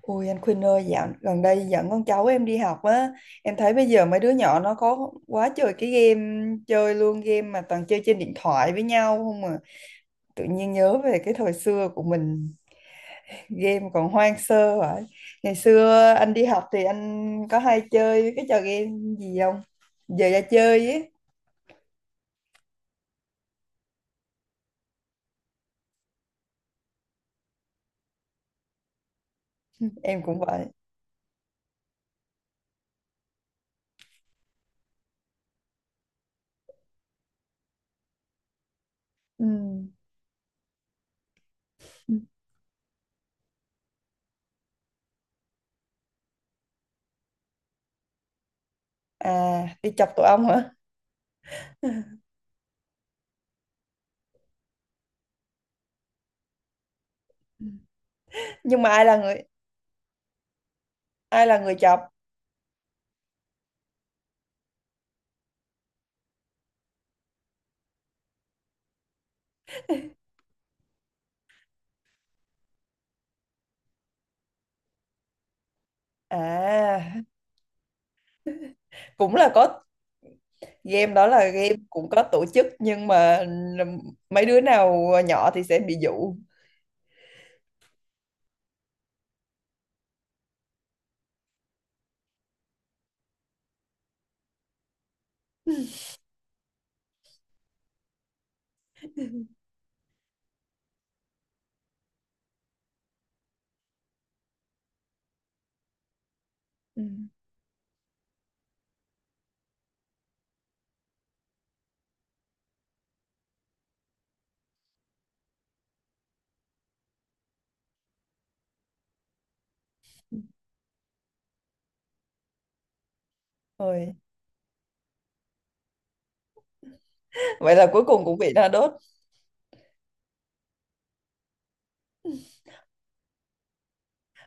Ôi anh Khuynh ơi, dạo gần đây dẫn con cháu em đi học á, em thấy bây giờ mấy đứa nhỏ nó có quá trời cái game chơi luôn, game mà toàn chơi trên điện thoại với nhau không à. Tự nhiên nhớ về cái thời xưa của mình, game còn hoang sơ vậy. Ngày xưa anh đi học thì anh có hay chơi cái trò game gì không? Giờ ra chơi ấy, em cũng vậy. Ừ. À, đi chọc tổ ong hả? Nhưng mà ai là người chọc? À, cũng là có game đó, là game cũng có tổ chức nhưng mà mấy đứa nào nhỏ thì sẽ bị dụ. Ừ. Ôi, vậy là cuối cùng cũng bị nó đốt.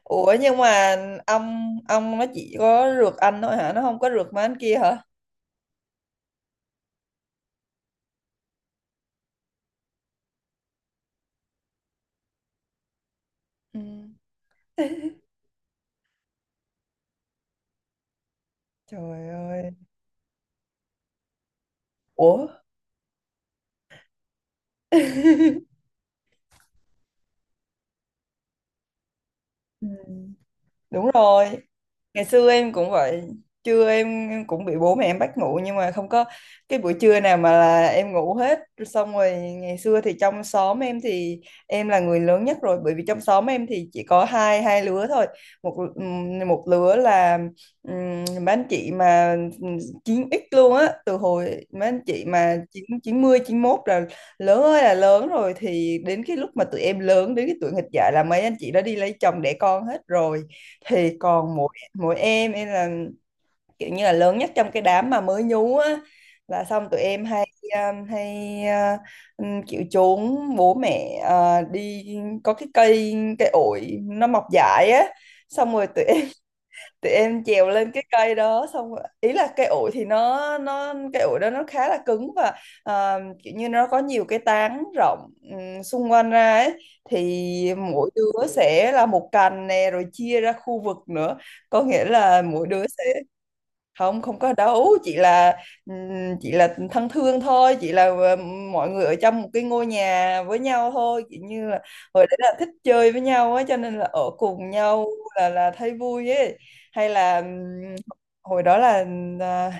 Ủa nhưng mà ông nó chỉ có rượt anh thôi hả? Nó không có rượt mấy anh kia hả? Ừ. Trời ơi. Ủa, Ừ. Đúng rồi. Ngày xưa em cũng vậy, trưa em cũng bị bố mẹ em bắt ngủ nhưng mà không có cái buổi trưa nào mà là em ngủ hết. Xong rồi ngày xưa thì trong xóm em thì em là người lớn nhất rồi, bởi vì trong xóm em thì chỉ có hai hai lứa thôi. Một ừm, một lứa là um, mấy anh chị mà chín x luôn á, từ hồi mấy anh chị mà chín 91 là lớn ơi là lớn rồi. Thì đến cái lúc mà tụi em lớn đến cái tuổi nghịch dại là mấy anh chị đã đi lấy chồng đẻ con hết rồi, thì còn mỗi em là kiểu như là lớn nhất trong cái đám mà mới nhú á. Là xong tụi em hay hay uh, kiểu trốn bố mẹ đi. Có cái cây cây ổi nó mọc dại á, xong rồi tụi thì em trèo lên cái cây đó. Ý là cây ổi thì nó cây ổi đó nó khá là cứng và à, kiểu như nó có nhiều cái tán rộng xung quanh ra ấy. Thì mỗi đứa sẽ là một cành nè, rồi chia ra khu vực nữa, có nghĩa là mỗi đứa. Không không có đấu, chỉ là thân thương thôi, chỉ là mọi người ở trong một cái ngôi nhà với nhau thôi, kiểu như là hồi đấy là thích chơi với nhau á, cho nên là ở cùng nhau là thấy vui ấy. Hay là hồi đó là à,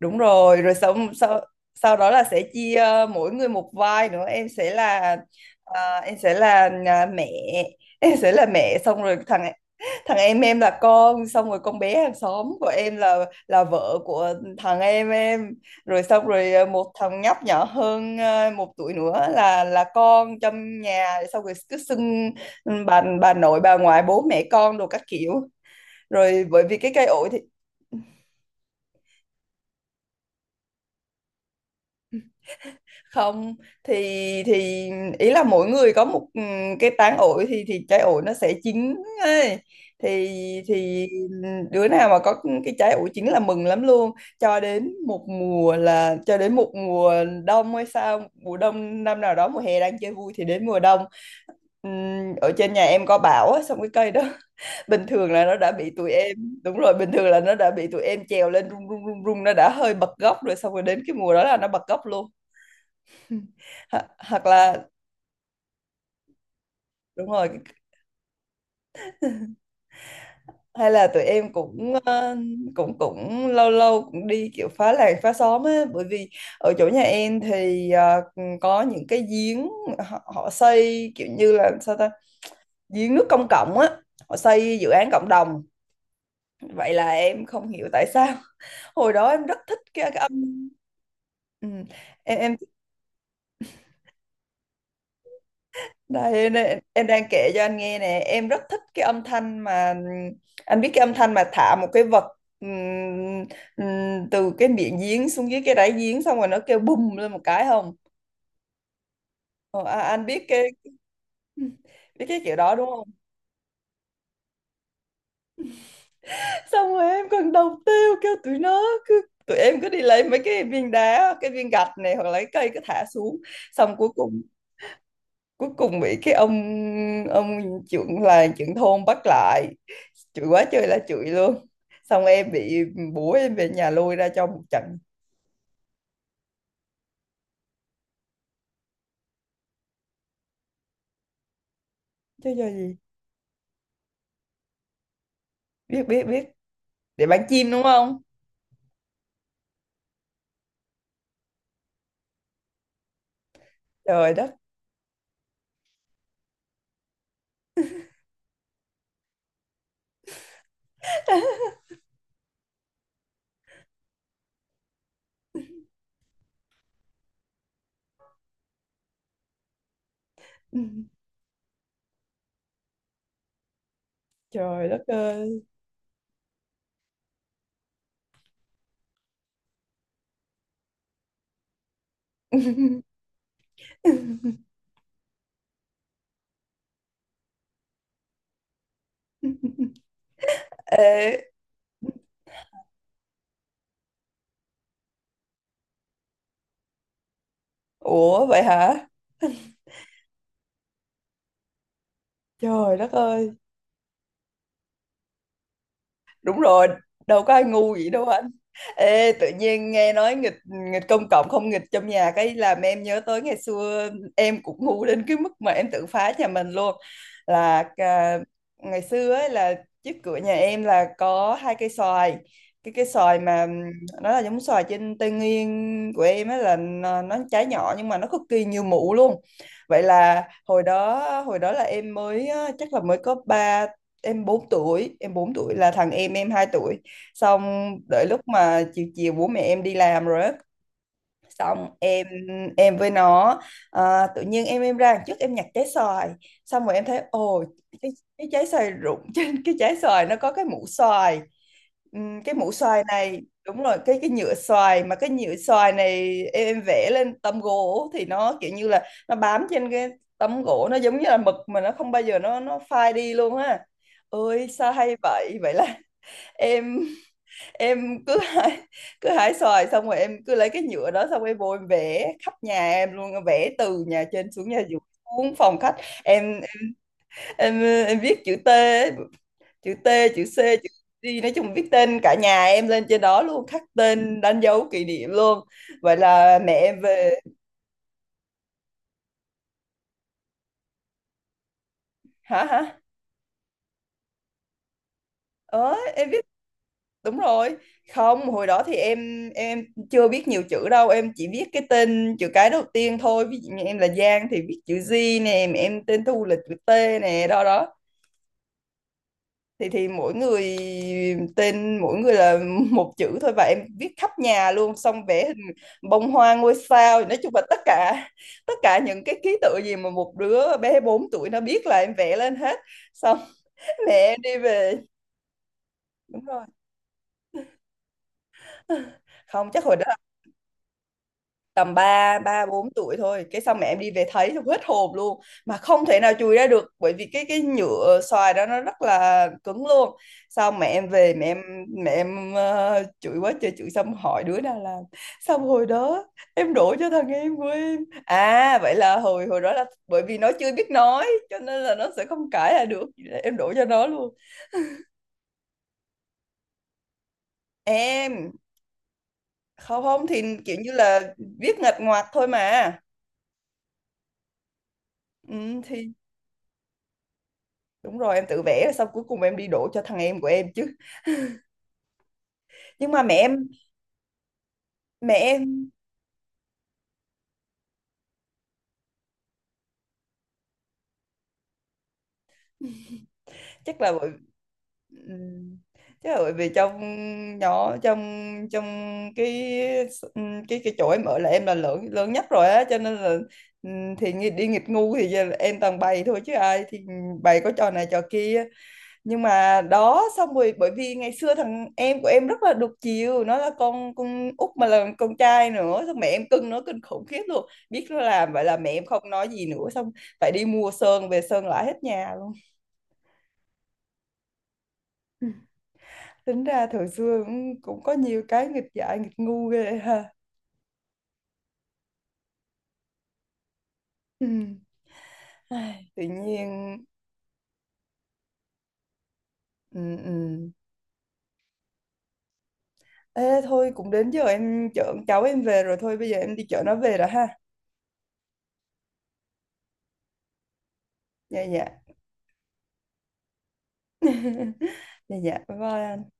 đúng rồi, rồi sau sau sau đó là sẽ chia mỗi người một vai nữa. Em sẽ là à, em sẽ là à, mẹ, em sẽ là mẹ, xong rồi thằng thằng em là con, xong rồi con bé hàng xóm của em là vợ của thằng em em. Rồi xong rồi à, một thằng nhóc nhỏ hơn à, 1 tuổi nữa là con trong nhà, xong rồi cứ xưng bà nội, bà ngoại, bố mẹ con đồ các kiểu. Rồi bởi vì cái cây ổi thì không, thì thì ý là mỗi người có một cái tán ổi. Thì trái ổi nó sẽ chín ấy. thì thì đứa nào mà có cái trái ổi chín là mừng lắm luôn, cho đến một mùa, là cho đến một mùa đông hay sao, mùa đông năm nào đó, mùa hè đang chơi vui thì đến mùa đông ở trên nhà em có bão á, xong cái cây đó bình thường là nó đã bị tụi em. Đúng rồi, bình thường là nó đã bị tụi em trèo lên rung rung rung rung, nó đã hơi bật gốc rồi, xong rồi đến cái mùa đó là nó bật gốc luôn. Ho hoặc là đúng rồi, hay là tụi em cũng cũng cũng lâu lâu cũng đi kiểu phá làng phá xóm á, bởi vì ở chỗ nhà em thì có những cái giếng, họ, họ xây kiểu như là sao ta, giếng nước công cộng á, họ xây dự án cộng đồng. Vậy là em không hiểu tại sao hồi đó em rất thích cái âm. Ừ. em. Đây, nè, em đang kể cho anh nghe nè, em rất thích cái âm thanh mà anh biết cái âm thanh mà thả một cái vật ừm, từ cái miệng giếng xuống dưới cái đáy giếng, xong rồi nó kêu bùm lên một cái không? Ờ, à, anh biết cái kiểu đó đúng không? Xong rồi em còn đầu tiêu kêu tụi nó, cứ tụi em cứ đi lấy mấy cái viên đá, cái viên gạch này, hoặc lấy cây cứ thả xuống, xong cuối cùng bị cái ông trưởng, là trưởng thôn, bắt lại chửi quá trời là chửi luôn. Xong em bị bố em về nhà lôi ra cho một trận. Chứ cho gì. Biết biết biết. Để bán chim đúng không. Trời đất. Trời đất ơi. Ê, ủa vậy hả. Trời đất ơi. Đúng rồi, đâu có ai ngu vậy đâu hả. Ê, tự nhiên nghe nói nghịch, nghịch công cộng không nghịch trong nhà, cái làm em nhớ tới ngày xưa em cũng ngu đến cái mức mà em tự phá nhà mình luôn. Là à, ngày xưa ấy là trước cửa nhà em là có hai cây xoài. Cái cây xoài mà nó là giống xoài trên Tây Nguyên của em ấy, là nó trái nhỏ nhưng mà nó cực kỳ nhiều mủ luôn. Vậy là hồi đó, hồi đó là em mới á, chắc là mới có ba, em 4 tuổi, em 4 tuổi là thằng em 2 tuổi. Xong đợi lúc mà chiều chiều bố mẹ em đi làm rồi á, xong em với nó à, tự nhiên em ra đằng trước em nhặt trái xoài, xong rồi em thấy ồ cái, cái trái xoài rụng trên cái trái xoài nó có cái mũ xoài. Cái mũ xoài này đúng rồi, cái nhựa xoài, mà cái nhựa xoài này em vẽ lên tấm gỗ thì nó kiểu như là nó bám trên cái tấm gỗ, nó giống như là mực mà nó không bao giờ nó phai đi luôn á. Ơi sao hay vậy, vậy là em em cứ hái xoài, xong rồi em cứ lấy cái nhựa đó, xong em vô em vẽ khắp nhà em luôn, vẽ từ nhà trên xuống nhà dưới, xuống phòng khách. Em em em viết chữ T ấy, chữ T, chữ C, chữ D, nói chung viết tên cả nhà em lên trên đó luôn, khắc tên đánh dấu kỷ niệm luôn. Vậy là mẹ em về. Hả hả? Ờ, em viết đúng rồi. Không hồi đó thì em chưa biết nhiều chữ đâu, em chỉ viết cái tên chữ cái đầu tiên thôi, ví dụ như em là Giang thì viết chữ G nè, mà em tên Thu là chữ T nè, đó đó. Thì mỗi người tên mỗi người là một chữ thôi, và em viết khắp nhà luôn, xong vẽ hình bông hoa, ngôi sao, nói chung là tất cả, tất cả những cái ký tự gì mà một đứa bé 4 tuổi nó biết là em vẽ lên hết. Xong mẹ em đi về. Đúng rồi, không chắc hồi đó tầm 3 3 4 tuổi thôi. Cái xong mẹ em đi về thấy xong hết hồn luôn, mà không thể nào chùi ra được, bởi vì cái nhựa xoài đó nó rất là cứng luôn. Xong mẹ em về mẹ em, mẹ em chửi quá trời chửi, xong hỏi đứa nào làm. Xong hồi đó em đổ cho thằng em của em. À vậy là hồi hồi đó là, bởi vì nó chưa biết nói cho nên là nó sẽ không cãi là được. Em đổ cho nó luôn. Em không không thì kiểu như là viết nghịch ngoạc thôi mà ừ, thì đúng rồi, em tự vẽ rồi xong cuối cùng em đi đổ cho thằng em của em chứ. Nhưng mà mẹ em, mẹ em chắc là bởi ừm, chắc là bởi vì trong nhỏ trong trong cái cái chỗ em ở là em là lớn lớn nhất rồi á, cho nên là thì nghi- đi nghịch ngu thì giờ là em toàn bày thôi, chứ ai thì bày có trò này trò kia. Nhưng mà đó, xong rồi bởi vì ngày xưa thằng em của em rất là đục chiều, nó là con út mà là con trai nữa, xong mẹ em cưng nó kinh khủng khiếp luôn, biết nó làm vậy là mẹ em không nói gì nữa, xong phải đi mua sơn về sơn lại hết nhà luôn. Ừ. Tính ra thời xưa cũng, cũng có nhiều cái nghịch dại nghịch ngu ghê ha. Ừ. Ai, tự nhiên. Ừ, ừ. Ê, thôi cũng đến giờ em chở con cháu em về rồi, thôi bây giờ em đi chở nó về rồi ha. Dạ dạ. Dạ dạ bye bye anh.